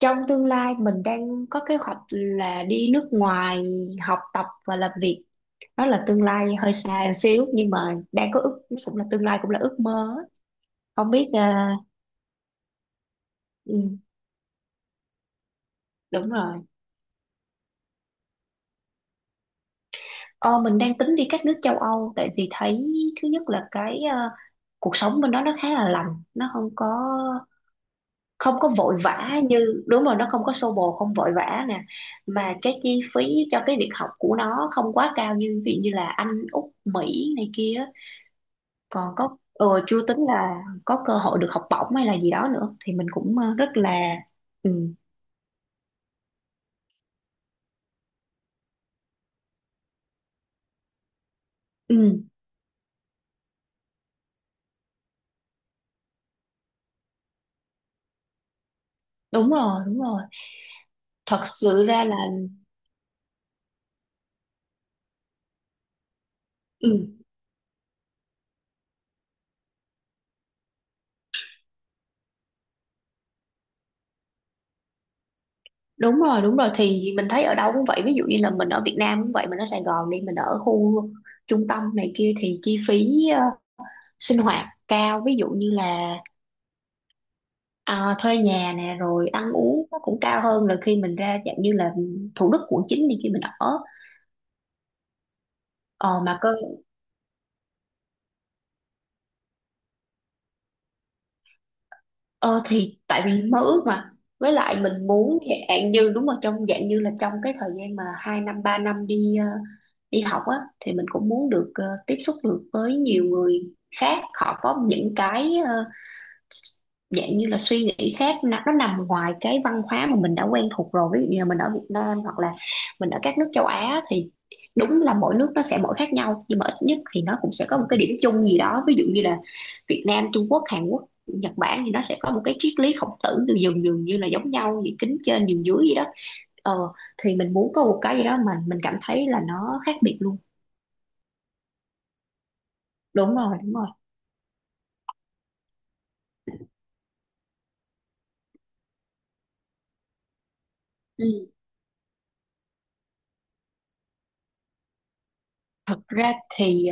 Trong tương lai mình đang có kế hoạch là đi nước ngoài học tập và làm việc. Đó là tương lai hơi xa xíu nhưng mà đang có ước, cũng là tương lai cũng là ước mơ á. Không biết à, ừ, đúng rồi. Ờ, mình đang tính đi các nước châu Âu, tại vì thấy thứ nhất là cái cuộc sống bên đó nó khá là lành, nó không có vội vã, như, đúng rồi, nó không có xô bồ, không vội vã nè, mà cái chi phí cho cái việc học của nó không quá cao, như ví dụ như là Anh, Úc, Mỹ này kia. Còn có chưa tính là có cơ hội được học bổng hay là gì đó nữa, thì mình cũng rất là… Ừ, ừ, đúng rồi, đúng rồi, thật sự ra là… Ừ, đúng rồi, đúng rồi, thì mình thấy ở đâu cũng vậy. Ví dụ như là mình ở Việt Nam cũng vậy, mình ở Sài Gòn đi, mình ở khu trung tâm này kia thì chi phí ờ, sinh hoạt cao, ví dụ như là thuê nhà nè, rồi ăn uống nó cũng cao hơn là khi mình ra, dạng như là Thủ Đức, quận 9 đi, khi mình ở… Ờ, mà cơ Ờ thì tại vì mơ ước mà, với lại mình muốn, dạng như, đúng rồi, trong dạng như là trong cái thời gian mà 2 năm 3 năm đi đi học á, thì mình cũng muốn được tiếp xúc được với nhiều người khác, họ có những cái dạng như là suy nghĩ khác. Nó nằm ngoài cái văn hóa mà mình đã quen thuộc rồi, ví dụ như là mình ở Việt Nam hoặc là mình ở các nước châu Á, thì đúng là mỗi nước nó sẽ mỗi khác nhau, nhưng mà ít nhất thì nó cũng sẽ có một cái điểm chung gì đó. Ví dụ như là Việt Nam, Trung Quốc, Hàn Quốc, Nhật Bản thì nó sẽ có một cái triết lý Khổng Tử từ dường dường như là giống nhau, gì kính trên nhường dưới gì đó. Ờ, thì mình muốn có một cái gì đó mà mình cảm thấy là nó khác biệt luôn. Đúng rồi, đúng rồi. Ừ. Thật ra thì…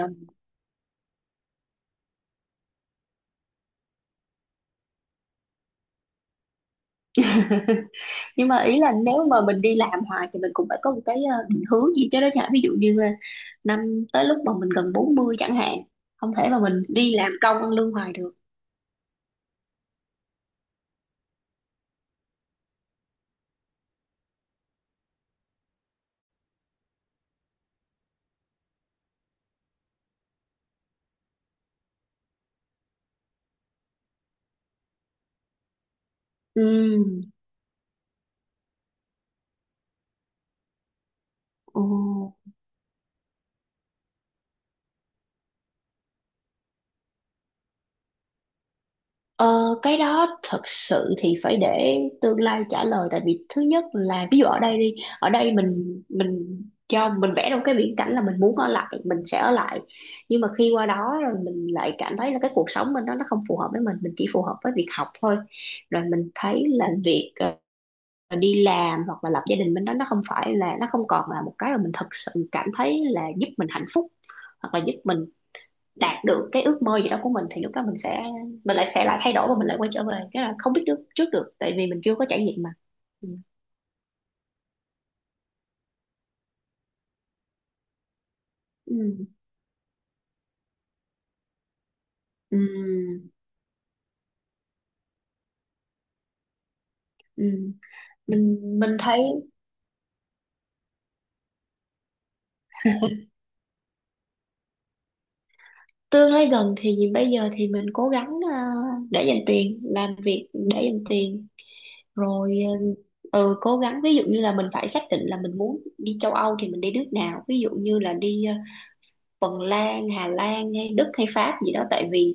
Nhưng mà ý là nếu mà mình đi làm hoài thì mình cũng phải có một cái định hướng gì chứ đó chả, ví dụ như là năm tới, lúc mà mình gần 40 chẳng hạn, không thể mà mình đi làm công ăn lương hoài được. Ừ. Ồ. Ờ, cái đó thật sự thì phải để tương lai trả lời. Tại vì thứ nhất là ví dụ ở đây đi, ở đây mình cho mình vẽ ra một cái viễn cảnh là mình muốn ở lại, mình sẽ ở lại, nhưng mà khi qua đó rồi mình lại cảm thấy là cái cuộc sống bên đó nó không phù hợp với mình chỉ phù hợp với việc học thôi. Rồi mình thấy là việc đi làm hoặc là lập gia đình bên đó, nó không phải là, nó không còn là một cái mà mình thật sự cảm thấy là giúp mình hạnh phúc hoặc là giúp mình đạt được cái ước mơ gì đó của mình, thì lúc đó mình sẽ, mình lại sẽ thay đổi và mình lại quay trở về. Cái là không biết được trước được, tại vì mình chưa có trải nghiệm mà. Ừ. Ừ, ừ, ừ. Mình thấy, tương lai gần thì bây giờ thì mình cố gắng ờ, để dành tiền, làm việc để dành tiền rồi, cố gắng. Ví dụ như là mình phải xác định là mình muốn đi châu Âu thì mình đi nước nào, ví dụ như là đi Phần Lan, Hà Lan hay Đức hay Pháp gì đó. Tại vì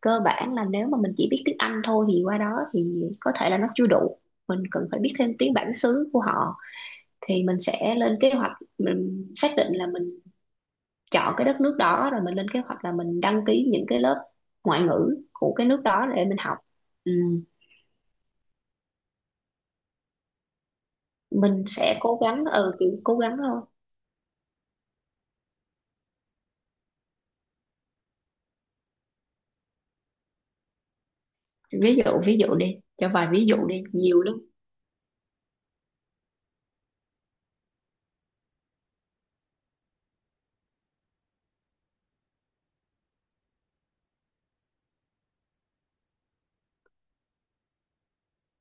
cơ bản là nếu mà mình chỉ biết tiếng Anh thôi thì qua đó thì có thể là nó chưa đủ, mình cần phải biết thêm tiếng bản xứ của họ. Thì mình sẽ lên kế hoạch, mình xác định là mình chọn cái đất nước đó, rồi mình lên kế hoạch là mình đăng ký những cái lớp ngoại ngữ của cái nước đó để mình học. Ừ. Mình sẽ cố gắng, ừ, kiểu cố gắng thôi. Ví dụ, ví dụ đi, cho vài ví dụ đi, nhiều lắm.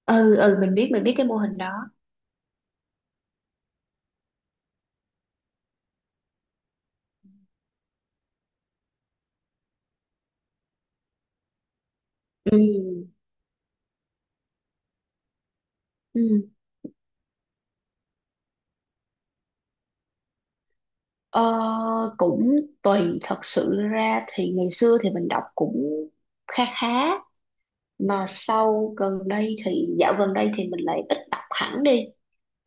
Ừ, ừ, mình biết, mình biết cái mô hình đó. Ừ, ừ. Ờ, cũng tùy. Thật sự ra thì ngày xưa thì mình đọc cũng khá khá, mà sau gần đây thì, dạo gần đây thì mình lại ít đọc hẳn đi.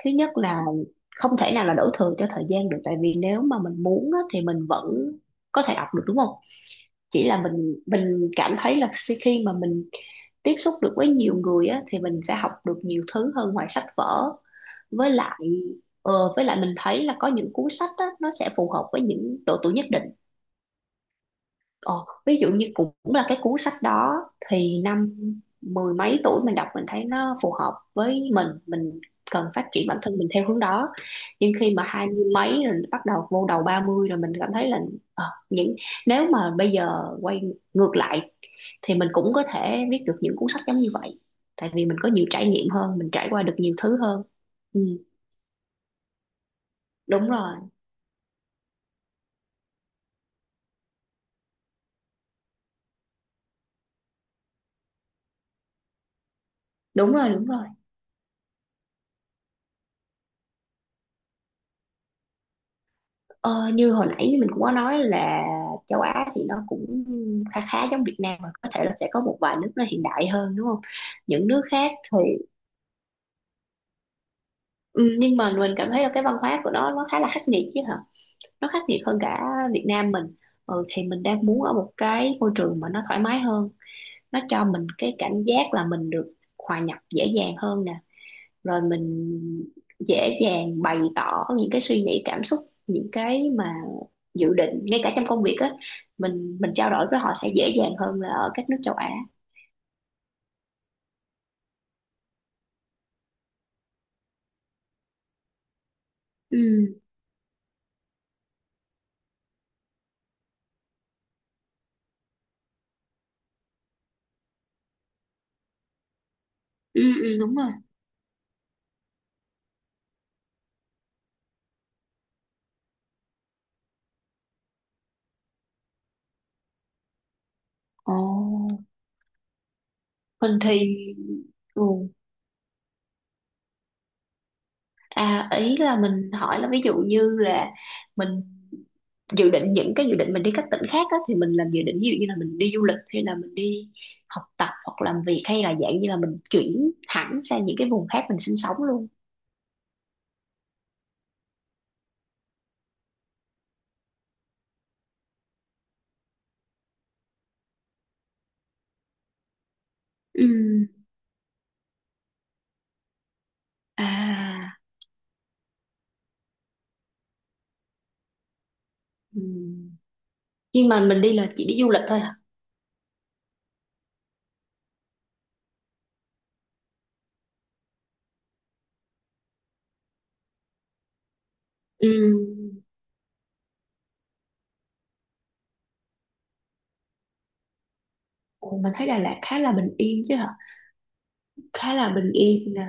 Thứ nhất là, không thể nào là đổ thừa cho thời gian được, tại vì nếu mà mình muốn á thì mình vẫn có thể đọc được, đúng không? Chỉ là mình cảm thấy là khi khi mà mình tiếp xúc được với nhiều người á, thì mình sẽ học được nhiều thứ hơn ngoài sách vở. Với lại với lại mình thấy là có những cuốn sách á, nó sẽ phù hợp với những độ tuổi nhất định. Ờ, ví dụ như cũng là cái cuốn sách đó, thì năm mười mấy tuổi mình đọc, mình thấy nó phù hợp với mình cần phát triển bản thân mình theo hướng đó. Nhưng khi mà hai mươi mấy rồi, bắt đầu vô đầu 30 rồi, mình cảm thấy là ờ, những… nếu mà bây giờ quay ngược lại thì mình cũng có thể viết được những cuốn sách giống như vậy, tại vì mình có nhiều trải nghiệm hơn, mình trải qua được nhiều thứ hơn. Ừ, đúng rồi. Đúng rồi, đúng rồi. Ờ, như hồi nãy mình cũng có nói là châu Á thì nó cũng khá khá giống Việt Nam, mà có thể là sẽ có một vài nước nó hiện đại hơn, đúng không? Những nước khác thì, ừ, nhưng mà mình cảm thấy là cái văn hóa của nó khá là khắc nghiệt chứ hả? Nó khắc nghiệt hơn cả Việt Nam mình. Ừ, thì mình đang muốn ở một cái môi trường mà nó thoải mái hơn, nó cho mình cái cảm giác là mình được hòa nhập dễ dàng hơn nè, rồi mình dễ dàng bày tỏ những cái suy nghĩ, cảm xúc, những cái mà dự định, ngay cả trong công việc á, mình trao đổi với họ sẽ dễ dàng hơn là ở các nước châu Á. Ừ, ừ, ừ, đúng rồi. Ồ, mình thì… Ừ. À, ý là mình hỏi là, ví dụ như là mình dự định, những cái dự định mình đi các tỉnh khác á, thì mình làm dự định, ví dụ như là mình đi du lịch, hay là mình đi học tập hoặc làm việc, hay là dạng như là mình chuyển hẳn sang những cái vùng khác mình sinh sống luôn. Ừ. À. Ừ. Nhưng mà mình đi là chỉ đi du lịch thôi hả? Ừ. Ồ, mình thấy Đà Lạt khá là bình yên chứ hả? Khá là bình yên nè.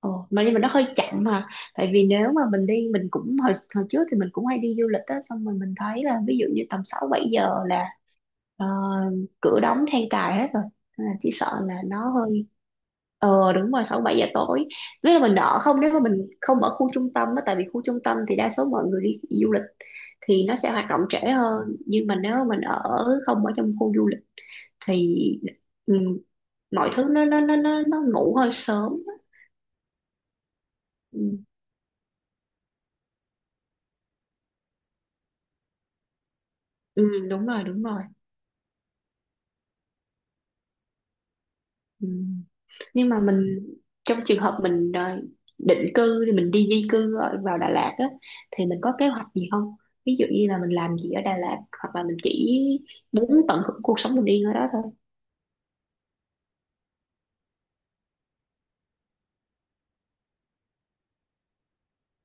Ồ, mà nhưng mà nó hơi chậm mà. Tại vì nếu mà mình đi, mình cũng hồi, hồi trước thì mình cũng hay đi du lịch á, xong rồi mình thấy là ví dụ như tầm 6, 7 giờ là ờ, cửa đóng then cài hết rồi. Nên là chỉ sợ là nó hơi… Ờ, đúng rồi, 6, 7 giờ tối. Với là mình đỡ không, nếu mà mình không ở khu trung tâm đó. Tại vì khu trung tâm thì đa số mọi người đi du lịch, thì nó sẽ hoạt động trễ hơn, nhưng mà nếu mà mình không ở trong khu du lịch thì, ừ, mọi thứ nó ngủ hơi sớm. Ừ, ừ, đúng rồi, đúng rồi. Ừ. Nhưng mà mình, trong trường hợp mình định cư, thì mình đi di cư vào Đà Lạt á, thì mình có kế hoạch gì không? Ví dụ như là mình làm gì ở Đà Lạt, hoặc là mình chỉ muốn tận hưởng cuộc sống bình yên ở đó thôi.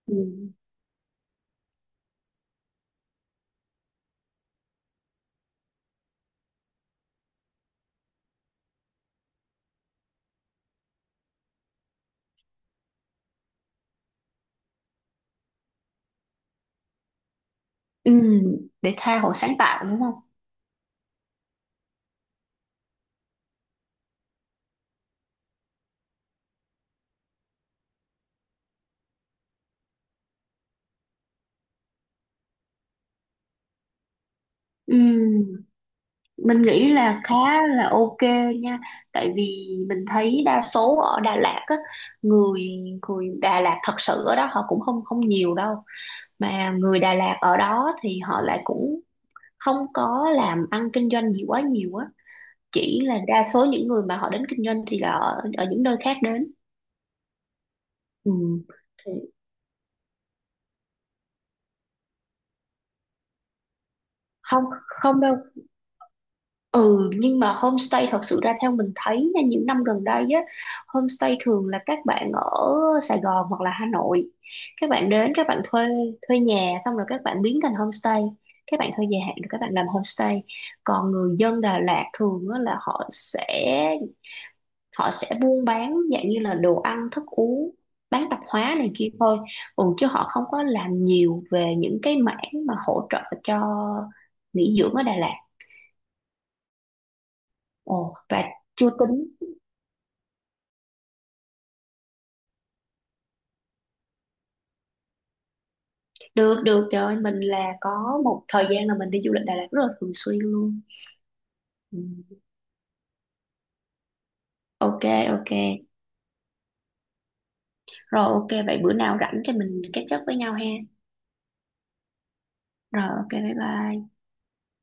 Ừ. Ừ, để tha hồ sáng tạo, đúng không? Ừ. Mình nghĩ là khá là ok nha. Tại vì mình thấy đa số ở Đà Lạt á, người người Đà Lạt thật sự ở đó họ cũng không không nhiều đâu, mà người Đà Lạt ở đó thì họ lại cũng không có làm ăn kinh doanh gì quá nhiều á. Chỉ là đa số những người mà họ đến kinh doanh thì là ở, ở những nơi khác đến. Ừ. Thì không không đâu. Ừ, nhưng mà homestay, thật sự ra theo mình thấy nha, những năm gần đây á, homestay thường là các bạn ở Sài Gòn hoặc là Hà Nội, các bạn đến, các bạn thuê thuê nhà, xong rồi các bạn biến thành homestay, các bạn thuê dài hạn rồi các bạn làm homestay. Còn người dân Đà Lạt thường á, là họ sẽ buôn bán dạng như là đồ ăn thức uống, bán tạp hóa này kia thôi. Ừ, chứ họ không có làm nhiều về những cái mảng mà hỗ trợ cho nghỉ dưỡng ở Đà Lạt. Ồ, và chưa tính… Được, được, trời ơi, mình là có một thời gian là mình đi du lịch Đà Lạt rất là thường xuyên luôn. Ừ. Ok. Ok, rồi, ok, vậy bữa nào rảnh thì mình catch up với nhau ha. Rồi, ok, bye bye.